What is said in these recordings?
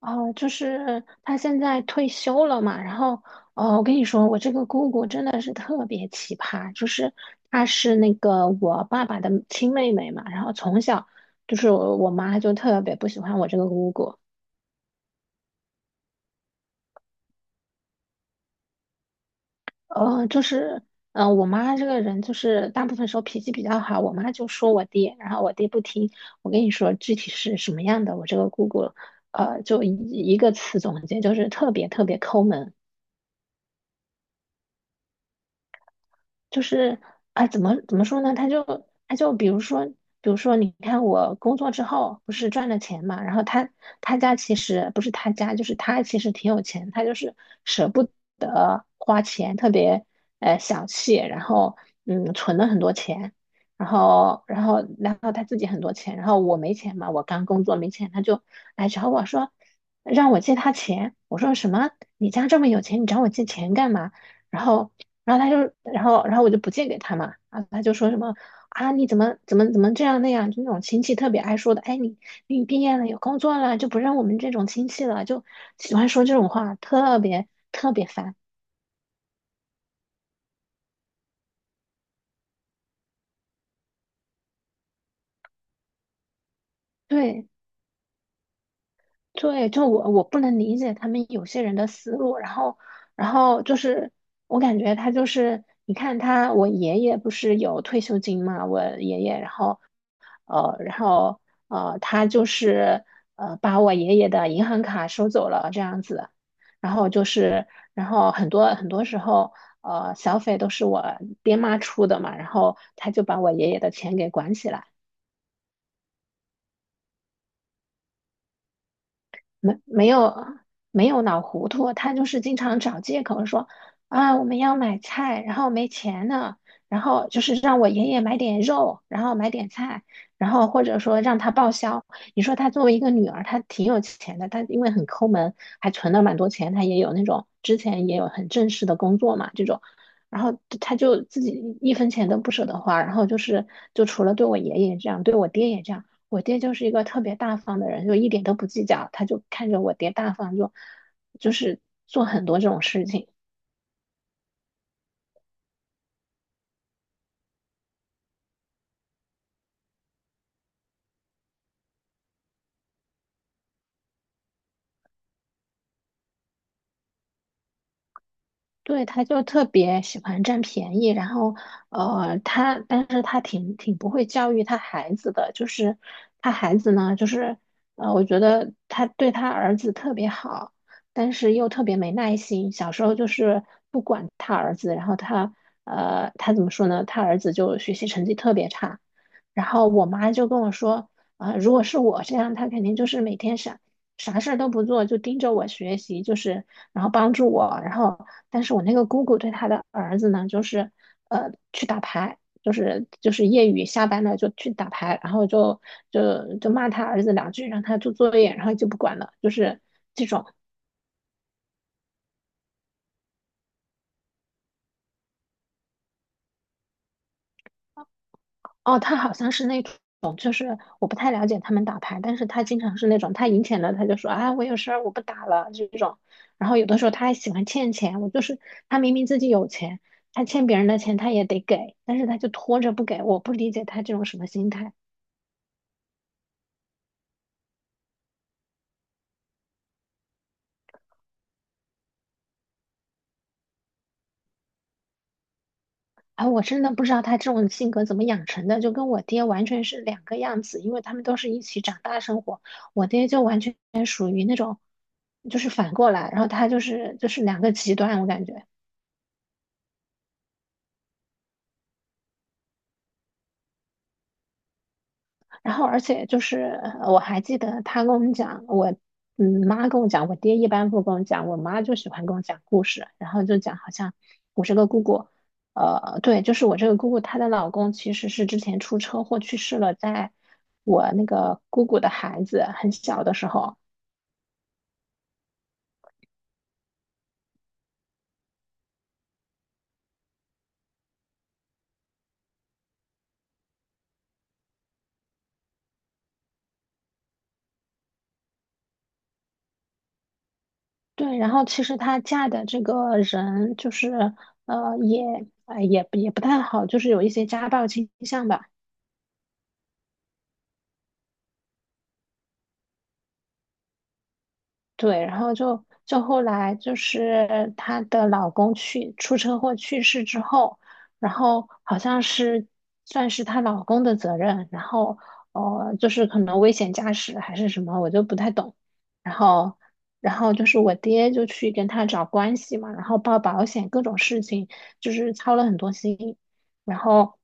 哦，就是他现在退休了嘛，然后，哦，我跟你说，我这个姑姑真的是特别奇葩，她是那个我爸爸的亲妹妹嘛，然后从小就是我妈就特别不喜欢我这个姑姑。呃，就是，我妈这个人就是大部分时候脾气比较好，我妈就说我爹，然后我爹不听。我跟你说具体是什么样的，我这个姑姑，呃，就一一个词总结，就是特别特别抠门。就是怎么说呢?他就比如说，比如说，你看我工作之后不是赚了钱嘛，然后他其实不是他家，就是他其实挺有钱，他就是舍不得花钱，特别小气，然后存了很多钱。然后他自己很多钱，然后我没钱嘛，我刚工作没钱，他就来找我说让我借他钱。我说什么？你家这么有钱，你找我借钱干嘛？然后然后他就，然后我就不借给他嘛。然后他就说什么啊，你怎么这样那样，就那种亲戚特别爱说的。哎，你你毕业了有工作了，就不认我们这种亲戚了，就喜欢说这种话，特别特别烦。对对，就我不能理解他们有些人的思路。然后就是我感觉他就是，你看他，我爷爷不是有退休金嘛，我爷爷，然后呃，然后他就是把我爷爷的银行卡收走了这样子。然后就是，然后很多很多时候，呃，小费都是我爹妈出的嘛，然后他就把我爷爷的钱给管起来。没有，没有脑糊涂。他就是经常找借口说啊，我们要买菜，然后没钱了，然后就是让我爷爷买点肉，然后买点菜，然后或者说让他报销。你说他作为一个女儿，她挺有钱的，她因为很抠门，还存了蛮多钱，她也有那种，之前也有很正式的工作嘛这种。然后她就自己一分钱都不舍得花，就除了对我爷爷这样，对我爹也这样。我爹就是一个特别大方的人，就一点都不计较，他就看着我爹大方就，就是做很多这种事情。对，他就特别喜欢占便宜。然后，呃，他，但是他挺不会教育他孩子的，就是他孩子呢，我觉得他对他儿子特别好，但是又特别没耐心。小时候就是不管他儿子，然后他，呃，他怎么说呢？他儿子就学习成绩特别差。然后我妈就跟我说，啊、如果是我这样，他肯定就是每天傻啥事儿都不做，就盯着我学习，就是然后帮助我。然后但是我那个姑姑对她的儿子呢，去打牌，就是业余下班了就去打牌，然后就骂他儿子两句，让他做作业，然后就不管了，就是。哦，他好像是那种，就是我不太了解他们打牌，但是他经常是那种，他赢钱了他就说啊，我有事儿我不打了这种。然后有的时候他还喜欢欠钱，我就是他明明自己有钱，他欠别人的钱他也得给，但是他就拖着不给，我不理解他这种什么心态。啊，我真的不知道他这种性格怎么养成的，就跟我爹完全是两个样子，因为他们都是一起长大生活，我爹就完全就是反过来，然后他就是两个极端，我感觉。然后，而且就是呃我还记得他跟我们讲，我妈跟我讲，我爹一般不跟我讲，我妈就喜欢跟我讲故事。然后就讲，好像我这个姑姑，呃，对，就是我这个姑姑，她的老公其实是之前出车祸去世了，在我那个姑姑的孩子很小的时候。对，然后其实她嫁的这个人就是呃也也不太好，就是有一些家暴倾向吧。对，然后就后来就是她的老公去出车祸去世之后，然后好像是算是她老公的责任，然后呃就是可能危险驾驶还是什么，我就不太懂。然后然后就是我爹就去跟她找关系嘛，然后报保险各种事情，就是操了很多心。然后，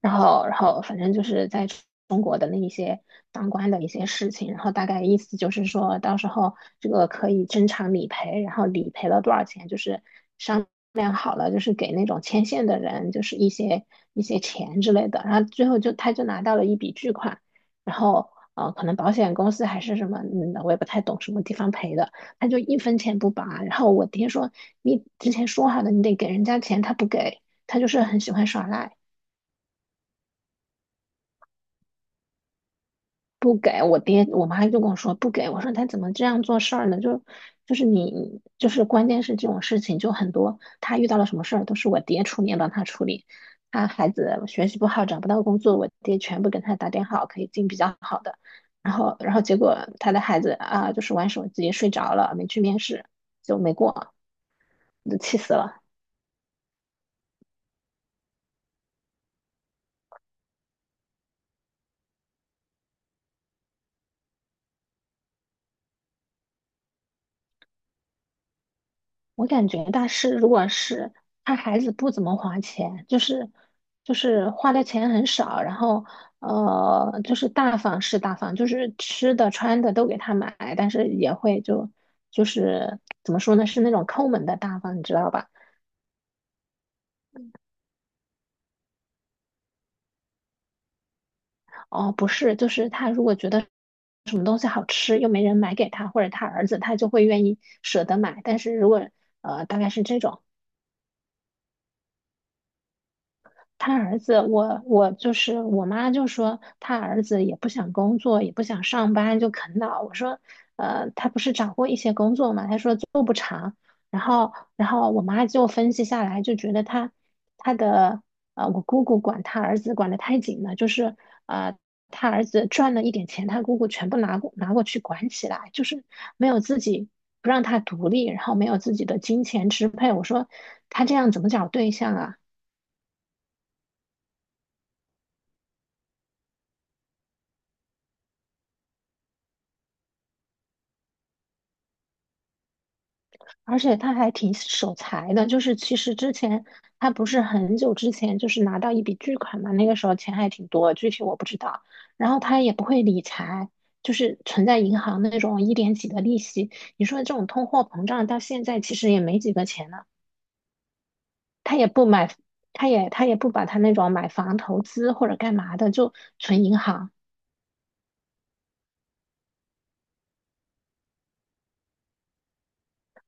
然后，然后，反正就是在中国的那一些当官的一些事情，然后大概意思就是说到时候这个可以正常理赔，然后理赔了多少钱，就是商量好了，就是给那种牵线的人就是一些钱之类的，然后最后就他就拿到了一笔巨款。然后。呃，可能保险公司还是什么，嗯，我也不太懂什么地方赔的，他就一分钱不拔。然后我爹说，你之前说好的，你得给人家钱，他不给。他就是很喜欢耍赖。不给我爹，我妈就跟我说不给，我说他怎么这样做事儿呢？你就是关键是这种事情就很多，他遇到了什么事儿都是我爹出面帮他处理。他孩子学习不好，找不到工作，我爹全部给他打点好，可以进比较好的。然后，然后结果他的孩子啊，就是玩手机睡着了，没去面试，就没过，就气死了。我感觉大师如果是他孩子不怎么花钱，就是花的钱很少。然后呃就是大方是大方，就是吃的穿的都给他买，但是也会就就是怎么说呢，是那种抠门的大方，你知道吧？哦，不是，就是他如果觉得什么东西好吃又没人买给他，或者他儿子，他就会愿意舍得买。但是如果呃大概是这种。他儿子，我就是我妈就说他儿子也不想工作，也不想上班，就啃老。我说，呃，他不是找过一些工作嘛？他说做不长。然后，然后我妈就分析下来，就觉得他他的呃，我姑姑管他儿子管得太紧了，就是呃，他儿子赚了一点钱，他姑姑全部拿过去管起来，就是没有自己，不让他独立，然后没有自己的金钱支配。我说他这样怎么找对象啊？而且他还挺守财的，就是其实之前他不是很久之前就是拿到一笔巨款嘛，那个时候钱还挺多，具体我不知道。然后他也不会理财，就是存在银行那种一点几的利息。你说这种通货膨胀到现在其实也没几个钱了。他也不买，他也不把他那种买房投资或者干嘛的，就存银行。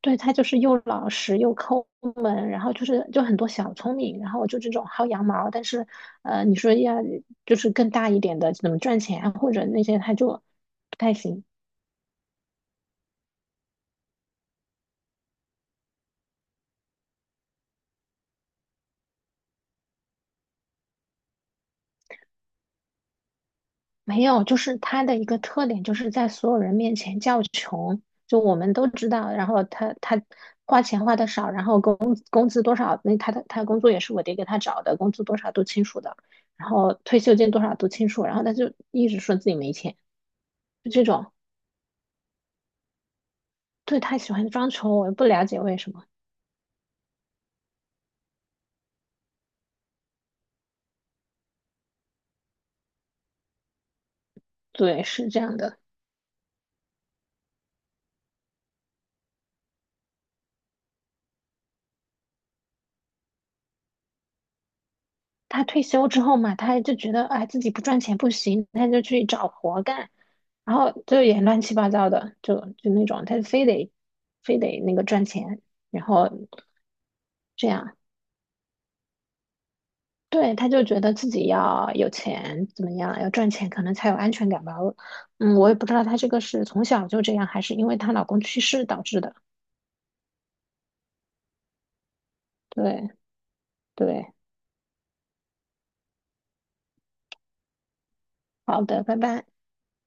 对，他就是又老实又抠门，然后就是就很多小聪明，然后就这种薅羊毛。但是，呃，你说要就是更大一点的怎么赚钱啊或者那些，他就不太行。没有，就是他的一个特点就是在所有人面前叫穷，就我们都知道。然后他花钱花的少，然后工资多少，那他的工作也是我爹给他找的，工资多少都清楚的，然后退休金多少都清楚，然后他就一直说自己没钱，就这种。对，他喜欢装穷，我也不了解为什么。对，是这样的。他退休之后嘛，他就觉得哎自己不赚钱不行，他就去找活干，然后就也乱七八糟的，就就那种，他非得那个赚钱，然后这样。对，他就觉得自己要有钱怎么样，要赚钱可能才有安全感吧。我嗯，我也不知道他这个是从小就这样，还是因为她老公去世导致的。对对，好的，拜拜。